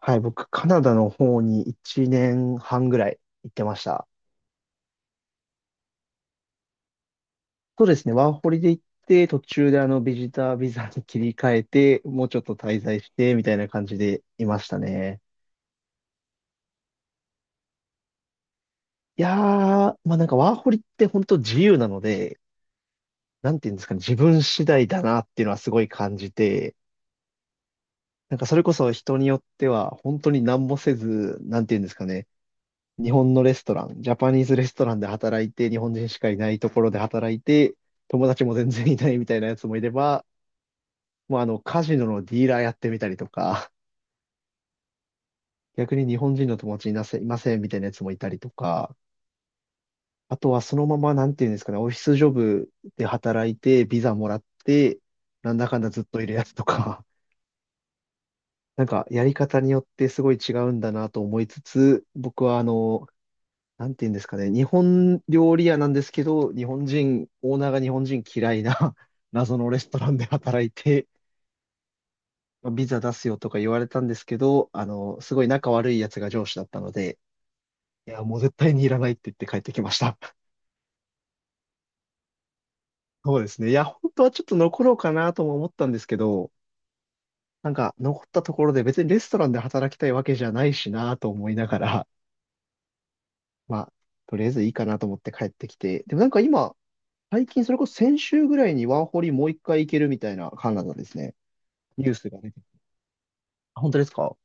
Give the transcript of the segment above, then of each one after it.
はい、僕、カナダの方に1年半ぐらい行ってました。そうですね、ワーホリで行って、途中でビジタービザに切り替えて、もうちょっと滞在して、みたいな感じでいましたね。いやー、まあなんかワーホリって本当自由なので、なんていうんですかね、自分次第だなっていうのはすごい感じて、なんかそれこそ人によっては本当に何もせず、なんていうんですかね、日本のレストラン、ジャパニーズレストランで働いて、日本人しかいないところで働いて、友達も全然いないみたいなやつもいれば、もうカジノのディーラーやってみたりとか、逆に日本人の友達いませんみたいなやつもいたりとか、あとはそのまま、なんていうんですかね、オフィスジョブで働いて、ビザもらって、なんだかんだずっといるやつとか、なんかやり方によってすごい違うんだなと思いつつ、僕はなんて言うんですかね、日本料理屋なんですけど、日本人、オーナーが日本人嫌いな 謎のレストランで働いて、まあビザ出すよとか言われたんですけど、すごい仲悪いやつが上司だったので、いや、もう絶対にいらないって言って帰ってきました。そうですね。いや、本当はちょっと残ろうかなとも思ったんですけど、なんか残ったところで別にレストランで働きたいわけじゃないしなと思いながら、まあ、とりあえずいいかなと思って帰ってきて、でもなんか今、最近、それこそ先週ぐらいにワーホリもう一回行けるみたいなカナダですね。ニュースが出て。あ、本当ですか？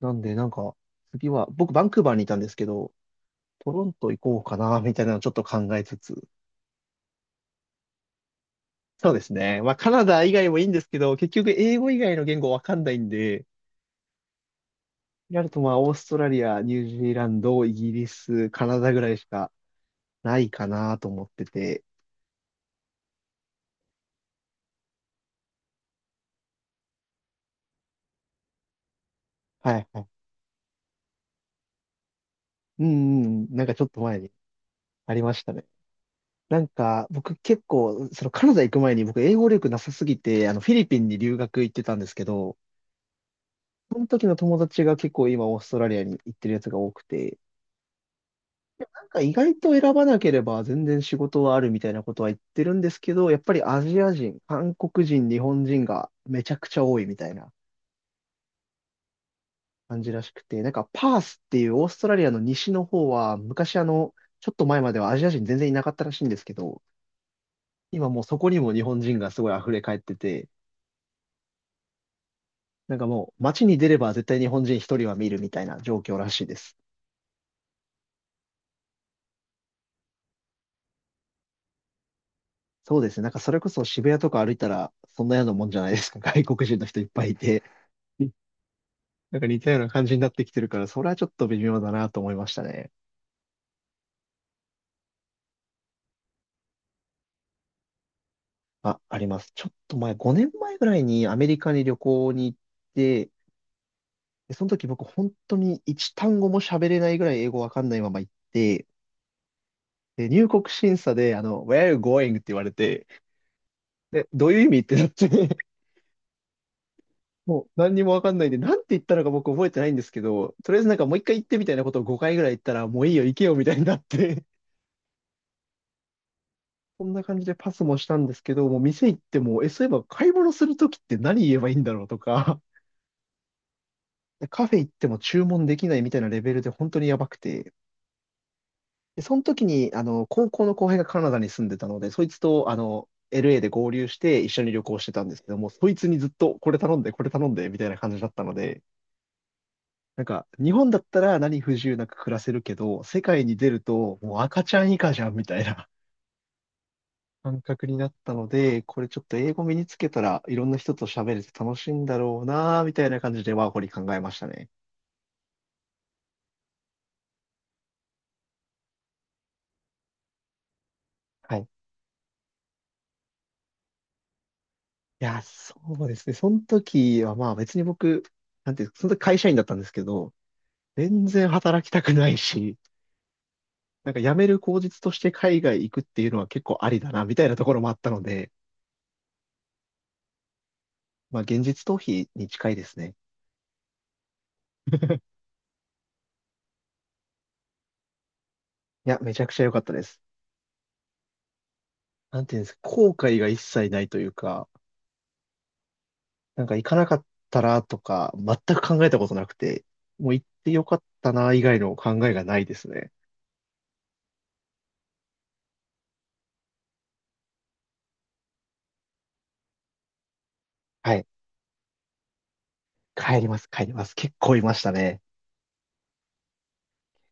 なんで、なんか、次は、僕、バンクーバーにいたんですけど、トロント行こうかな、みたいなのをちょっと考えつつ。そうですね。まあ、カナダ以外もいいんですけど、結局、英語以外の言語わかんないんで、やると、まあ、オーストラリア、ニュージーランド、イギリス、カナダぐらいしかないかなと思ってて。はいはい。うんうんうん。なんかちょっと前にありましたね。なんか、僕結構、そのカナダ行く前に僕英語力なさすぎて、フィリピンに留学行ってたんですけど、その時の友達が結構今オーストラリアに行ってるやつが多くて、でもなんか意外と選ばなければ全然仕事はあるみたいなことは言ってるんですけど、やっぱりアジア人、韓国人、日本人がめちゃくちゃ多いみたいな感じらしくて、なんかパースっていうオーストラリアの西の方は、昔ちょっと前まではアジア人全然いなかったらしいんですけど、今もうそこにも日本人がすごい溢れ返ってて、なんかもう街に出れば絶対日本人一人は見るみたいな状況らしいです。そうですね。なんかそれこそ渋谷とか歩いたらそんなようなもんじゃないですか。外国人の人いっぱいいて。になんか似たような感じになってきてるから、それはちょっと微妙だなと思いましたね。あ、あります。ちょっと前、5年前ぐらいにアメリカに旅行に行って、でその時僕本当に一単語も喋れないぐらい英語わかんないまま行って、で、入国審査で、Where are you going? って言われて、で、どういう意味ってなってもう何にもわかんないんで、なんて言ったのか僕覚えてないんですけど、とりあえずなんかもう一回言ってみたいなことを5回ぐらい言ったら、もういいよ、行けよみたいになって、そんな感じでパスもしたんですけど、もう店行っても、え、そういえば買い物するときって何言えばいいんだろうとか、カフェ行っても注文できないみたいなレベルで本当にやばくて、で、その時に、高校の後輩がカナダに住んでたので、そいつと、LA で合流して一緒に旅行してたんですけども、そいつにずっとこれ頼んで、これ頼んで、みたいな感じだったので、なんか、日本だったら何不自由なく暮らせるけど、世界に出るともう赤ちゃん以下じゃんみたいな 感覚になったので、これちょっと英語身につけたらいろんな人と喋れて楽しいんだろうなーみたいな感じでワーホリ考えましたね。はい。いや、そうですね。その時はまあ別に僕、なんていうか、その時会社員だったんですけど、全然働きたくないし、なんか辞める口実として海外行くっていうのは結構ありだなみたいなところもあったので、まあ現実逃避に近いですね。いや、めちゃくちゃ良かったです。なんていうんですか、後悔が一切ないというか、なんか行かなかったらとか、全く考えたことなくて、もう行ってよかったな、以外の考えがないですね。はい。帰ります、帰ります。結構いましたね。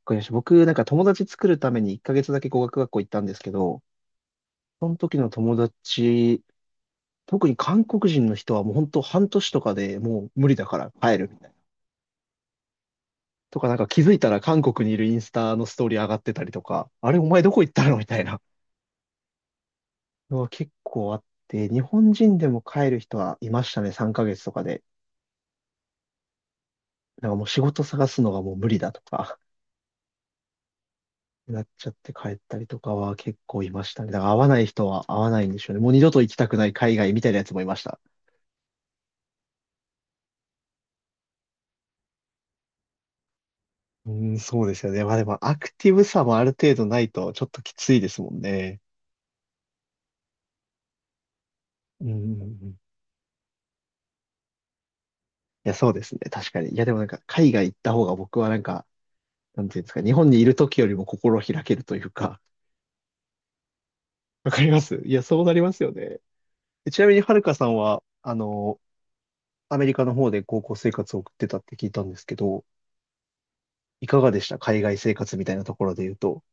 これ僕、なんか友達作るために1ヶ月だけ語学学校行ったんですけど、その時の友達、特に韓国人の人はもう本当半年とかでもう無理だから帰るみたいな。とかなんか気づいたら韓国にいるインスタのストーリー上がってたりとか、あれお前どこ行ったのみたいな。は結構あって、日本人でも帰る人はいましたね、3ヶ月とかで。なんかもう仕事探すのがもう無理だとか、なっちゃって帰ったりとかは結構いましたね。だから会わない人は会わないんでしょうね。もう二度と行きたくない海外みたいなやつもいました。うーん、そうですよね。まあでもアクティブさもある程度ないとちょっときついですもんね。うんうんうん。いや、そうですね。確かに。いや、でもなんか海外行った方が僕はなんか、なんていうんですか、日本にいる時よりも心開けるというか、わかります。いや、そうなりますよね。ちなみに、はるかさんは、アメリカの方で高校生活を送ってたって聞いたんですけど、いかがでした？海外生活みたいなところで言うと。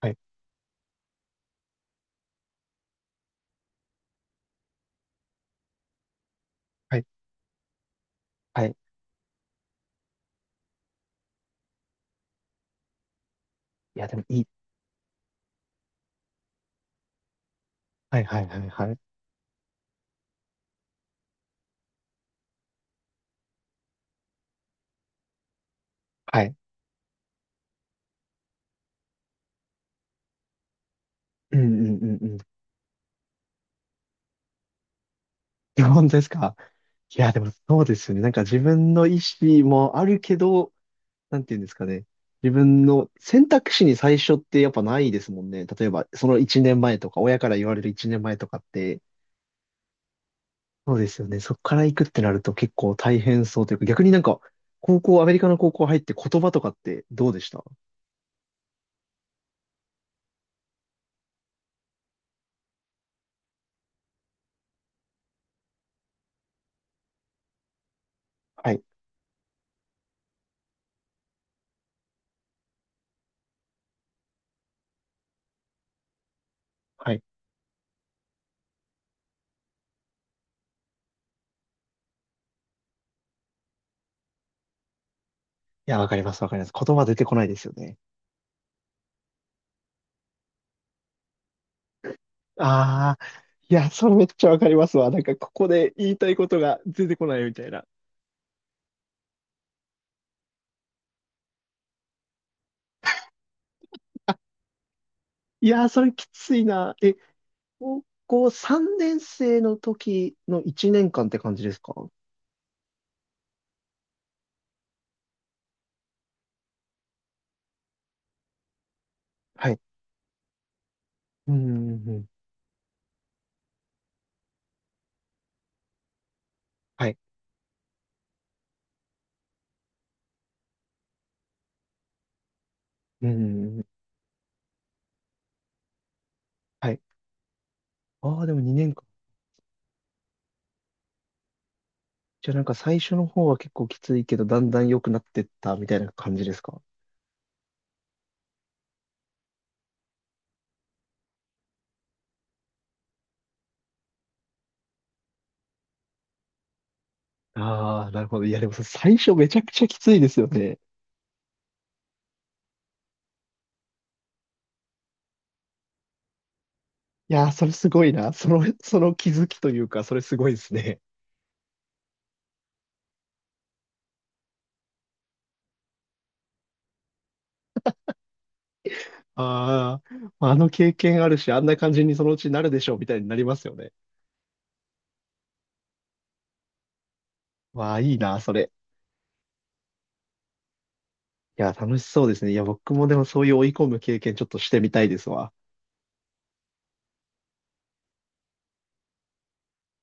はい、はい、はい。いや、でもいい。はい、はい、はい、はい。はい。うん、うん、うん、うん。日本ですか？いや、でもそうですよね。なんか自分の意思もあるけど、なんていうんですかね。自分の選択肢に最初ってやっぱないですもんね。例えば、その1年前とか、親から言われる1年前とかって、そうですよね。そこから行くってなると結構大変そうというか、逆になんか、高校、アメリカの高校入って言葉とかってどうでした？はい。はい。いや、わかります、わかります。言葉出てこないですよね。ああ、いや、それめっちゃわかりますわ。なんか、ここで言いたいことが出てこないみたいな。いやー、それきついな。え、高校3年生の時の1年間って感じですか？はい。うん、うん、うん。はい。うん、うんうん。はい。ああ、でも2年。じゃあなんか最初の方は結構きついけど、だんだん良くなってったみたいな感じですか？ああー、なるほど。いや、でもさ、最初めちゃくちゃきついですよね。いやー、それすごいな。その気づきというか、それすごいですね。ああ、あの経験あるし、あんな感じにそのうちなるでしょう、みたいになりますよね。わあ、いいな、それ。いや、楽しそうですね。いや、僕もでもそういう追い込む経験ちょっとしてみたいですわ。